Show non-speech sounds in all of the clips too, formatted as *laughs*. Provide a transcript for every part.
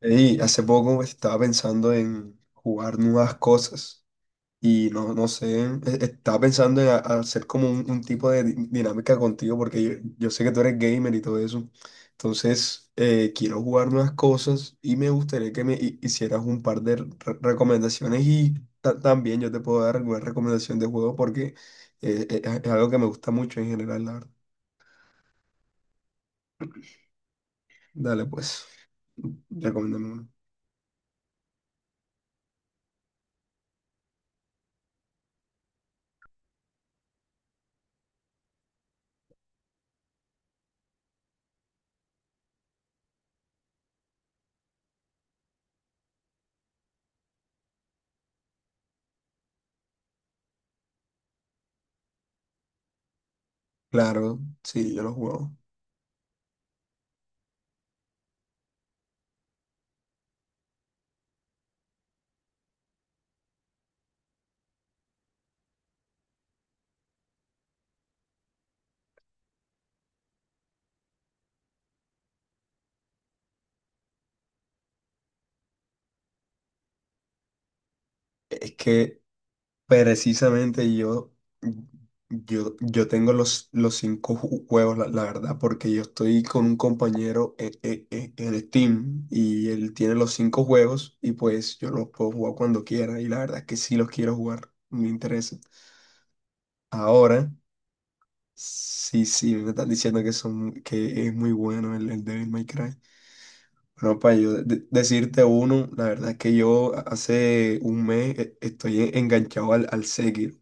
Y hace poco estaba pensando en jugar nuevas cosas y no, no sé, e- estaba pensando en hacer como un tipo de dinámica contigo porque yo sé que tú eres gamer y todo eso. Entonces, quiero jugar nuevas cosas y me gustaría que me hicieras un par de recomendaciones y también yo te puedo dar alguna recomendación de juego porque es algo que me gusta mucho en general, la verdad. Dale, pues, recomiéndame uno. Claro, sí, yo lo juego. Es que Precisamente yo, yo, yo tengo los 5 juegos, la verdad, porque yo estoy con un compañero en Steam y él tiene los 5 juegos y pues yo los puedo jugar cuando quiera y la verdad es que sí los quiero jugar, me interesa. Ahora, sí, sí, me están diciendo que es muy bueno el Devil May Cry. Bueno, para yo decirte uno, la verdad es que yo hace un mes estoy enganchado al Sekiro.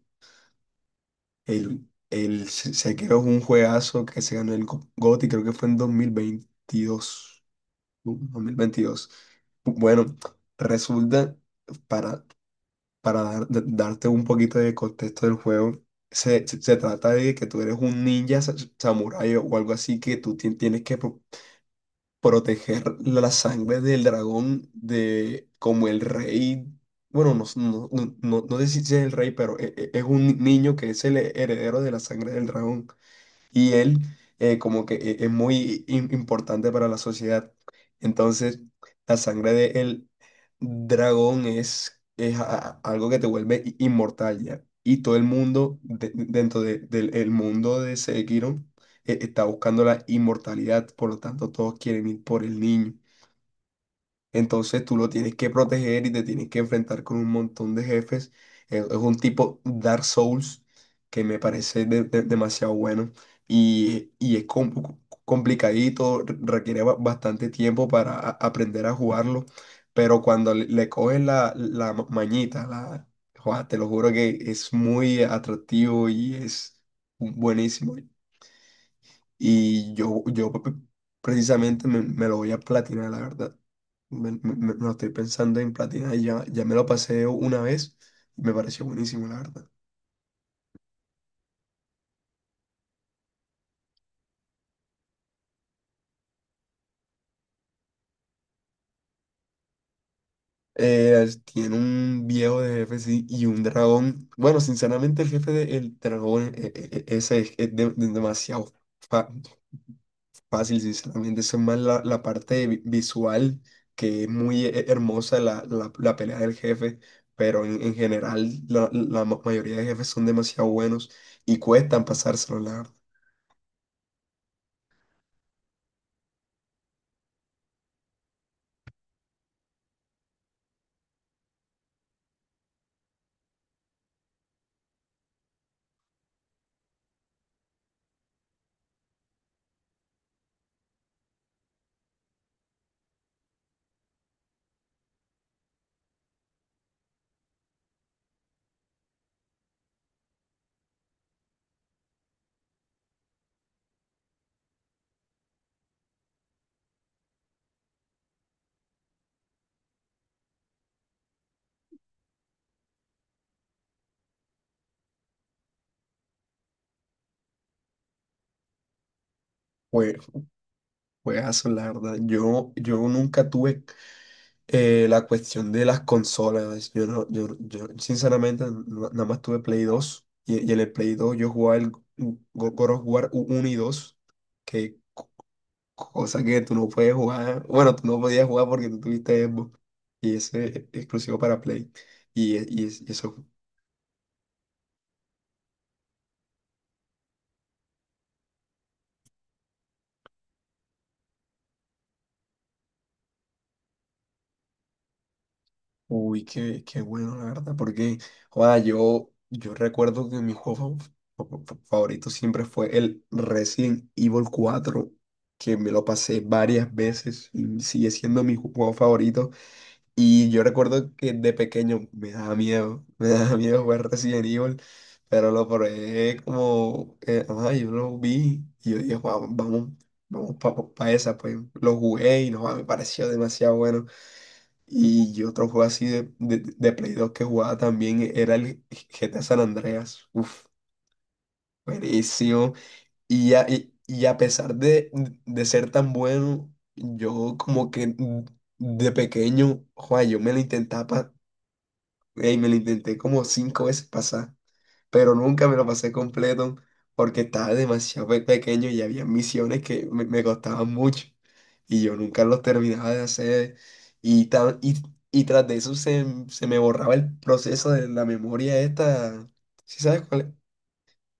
Sekiro es un juegazo que se ganó el GOTY, creo que fue en 2022, 2022. Bueno, resulta, para, para darte un poquito de contexto del juego, se trata de que tú eres un ninja samurái o algo así que tú tienes que proteger la sangre del dragón de como el rey. Bueno, no sé si es el rey, pero es un niño que es el heredero de la sangre del dragón y él, como que es muy importante para la sociedad. Entonces, la sangre del dragón es algo que te vuelve inmortal ya. Y todo el mundo dentro del el mundo de Sekiro, está buscando la inmortalidad, por lo tanto todos quieren ir por el niño. Entonces tú lo tienes que proteger y te tienes que enfrentar con un montón de jefes. Es un tipo Dark Souls que me parece demasiado bueno y es complicadito, requiere bastante tiempo para aprender a jugarlo, pero cuando le coges mañita, la, joa, te lo juro que es muy atractivo y es buenísimo. Y yo, yo pe- Precisamente me lo voy a platinar, la verdad. Me lo estoy pensando en platinar y ya me lo pasé una vez y me pareció buenísimo, la verdad. Tiene un viejo de jefe, sí, y un dragón. Bueno, sinceramente el jefe del dragón, ese es demasiado fácil, sinceramente, eso es más la parte visual, que es muy hermosa la pelea del jefe, pero en general mayoría de jefes son demasiado buenos y cuestan pasárselo, la verdad. Jue- Juegazo, la verdad. Yo nunca tuve la cuestión de las consolas. Yo sinceramente, nada más tuve Play 2 y en el Play 2 yo jugaba el God of War 1 y 2 que cosa que tú no puedes jugar, bueno, tú no podías jugar porque tú tuviste Xbox y ese es exclusivo para Play. Y, y eso, uy, qué, qué bueno, la verdad, porque, joda, yo recuerdo que mi juego favorito siempre fue el Resident Evil 4, que me lo pasé varias veces y sigue siendo mi juego favorito. Y yo recuerdo que de pequeño me daba miedo jugar Resident Evil, pero lo probé como, ajá, yo lo vi y yo dije, "Guau, vamos, vamos para esa", pues lo jugué y no, guau, me pareció demasiado bueno. Y otro juego así de Play 2 que jugaba también era el GTA San Andreas, uf, buenísimo. Y, y a pesar de ser tan bueno, yo como que de pequeño, joa, yo me lo intentaba Ey, me lo intenté como 5 veces pasar, pero nunca me lo pasé completo porque estaba demasiado pequeño y había misiones que me costaban mucho y yo nunca los terminaba de hacer y, y tras de eso se, se me borraba el proceso de la memoria esta, ¿sí sabes cuál es?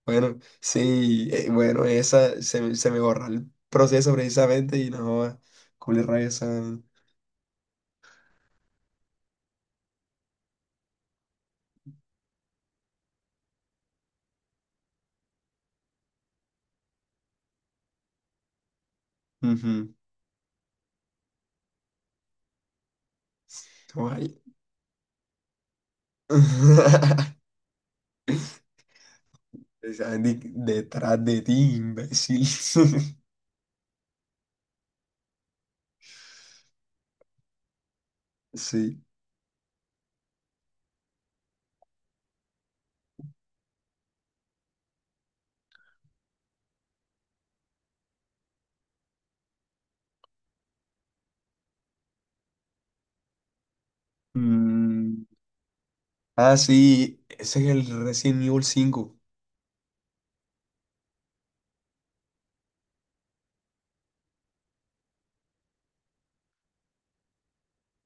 Bueno, sí, bueno, esa se, se me borra el proceso precisamente y no, culé rabia esa. Ujú, ay. *laughs* Es Andy detrás de ti, imbécil. *laughs* Sí. Mm, ah, sí, ese es el Resident Evil 5.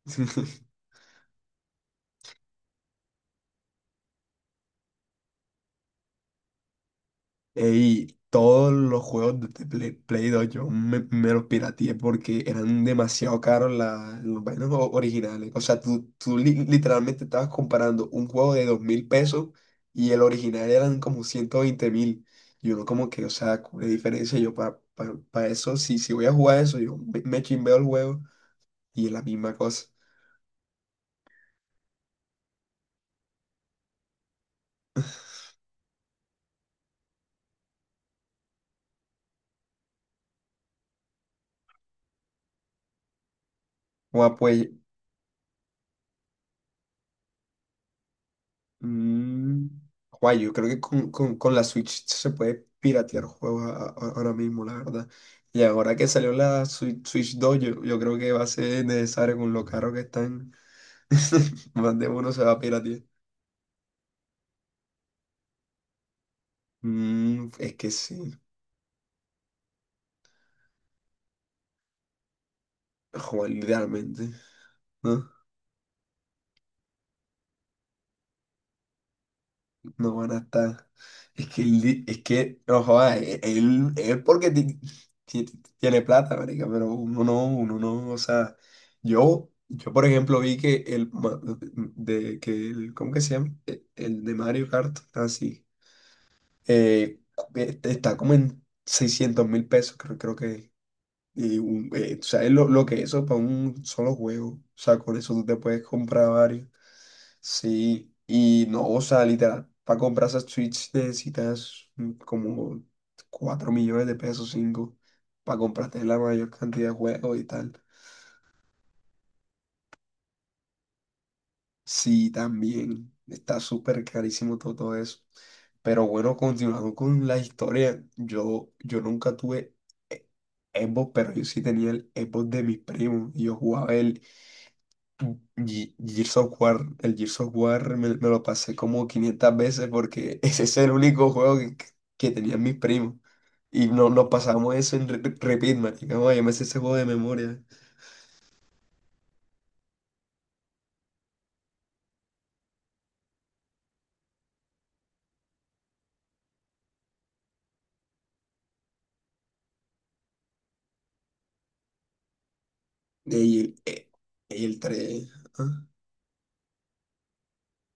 *laughs* Y todos los juegos de Play, Play 2 yo me los pirateé porque eran demasiado caros los vainos originales. O sea, tú literalmente estabas comparando un juego de 2.000 pesos y el original eran como 120.000. Y uno como que, o sea, ¿cuál es la diferencia? Yo para eso, si, si voy a jugar eso, yo me chimbeo el juego y es la misma cosa. Bueno, pues mm, guay, yo creo que con, con la Switch se puede piratear juegos ahora mismo, la verdad. Y ahora que salió la Switch, Switch 2, yo creo que va a ser necesario con lo caro que están. *laughs* Más de uno se va a piratear. Mm, es que sí, joder, literalmente, ¿no? No van a estar. Es que, es que, no joda, él porque ti- tiene plata, marica, pero uno no, o sea, yo por ejemplo vi que el, que el, ¿cómo que se llama? El de Mario Kart, así, eh, está como en 600.000 pesos, creo, creo que, y tú sabes lo que eso para un solo juego, o sea, con eso tú te puedes comprar varios. Sí, y no, o sea, literal, para comprar esa Switch necesitas mm, como 4 millones de pesos, cinco, para comprarte la mayor cantidad de juegos y tal. Sí, también, está súper carísimo todo, todo eso. Pero bueno, continuando con la historia, yo nunca tuve e- Xbox, pero yo sí tenía el Xbox de mis primos, y yo jugaba el, Gears of War, el Gears of War me lo pasé como 500 veces porque *laughs* ese es el único juego que tenían mis primos. Y no, nos pasamos eso en repeat, marica. Oye, me sé ese juego de memoria. Y el, eh, y el 3, ah,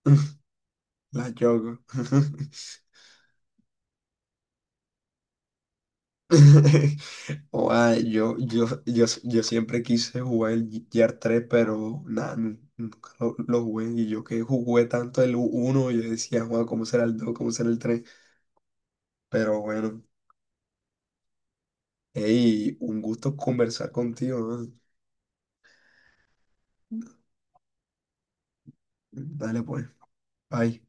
*laughs* la choco. *laughs* Oa, yo siempre quise jugar el Gear 3, pero nada, nunca lo, lo jugué. Y yo que jugué tanto el uno yo decía, Juan, ¿cómo será el dos? ¿Cómo será el tres? Pero bueno, hey, un gusto conversar contigo, ¿no? Dale pues, bye.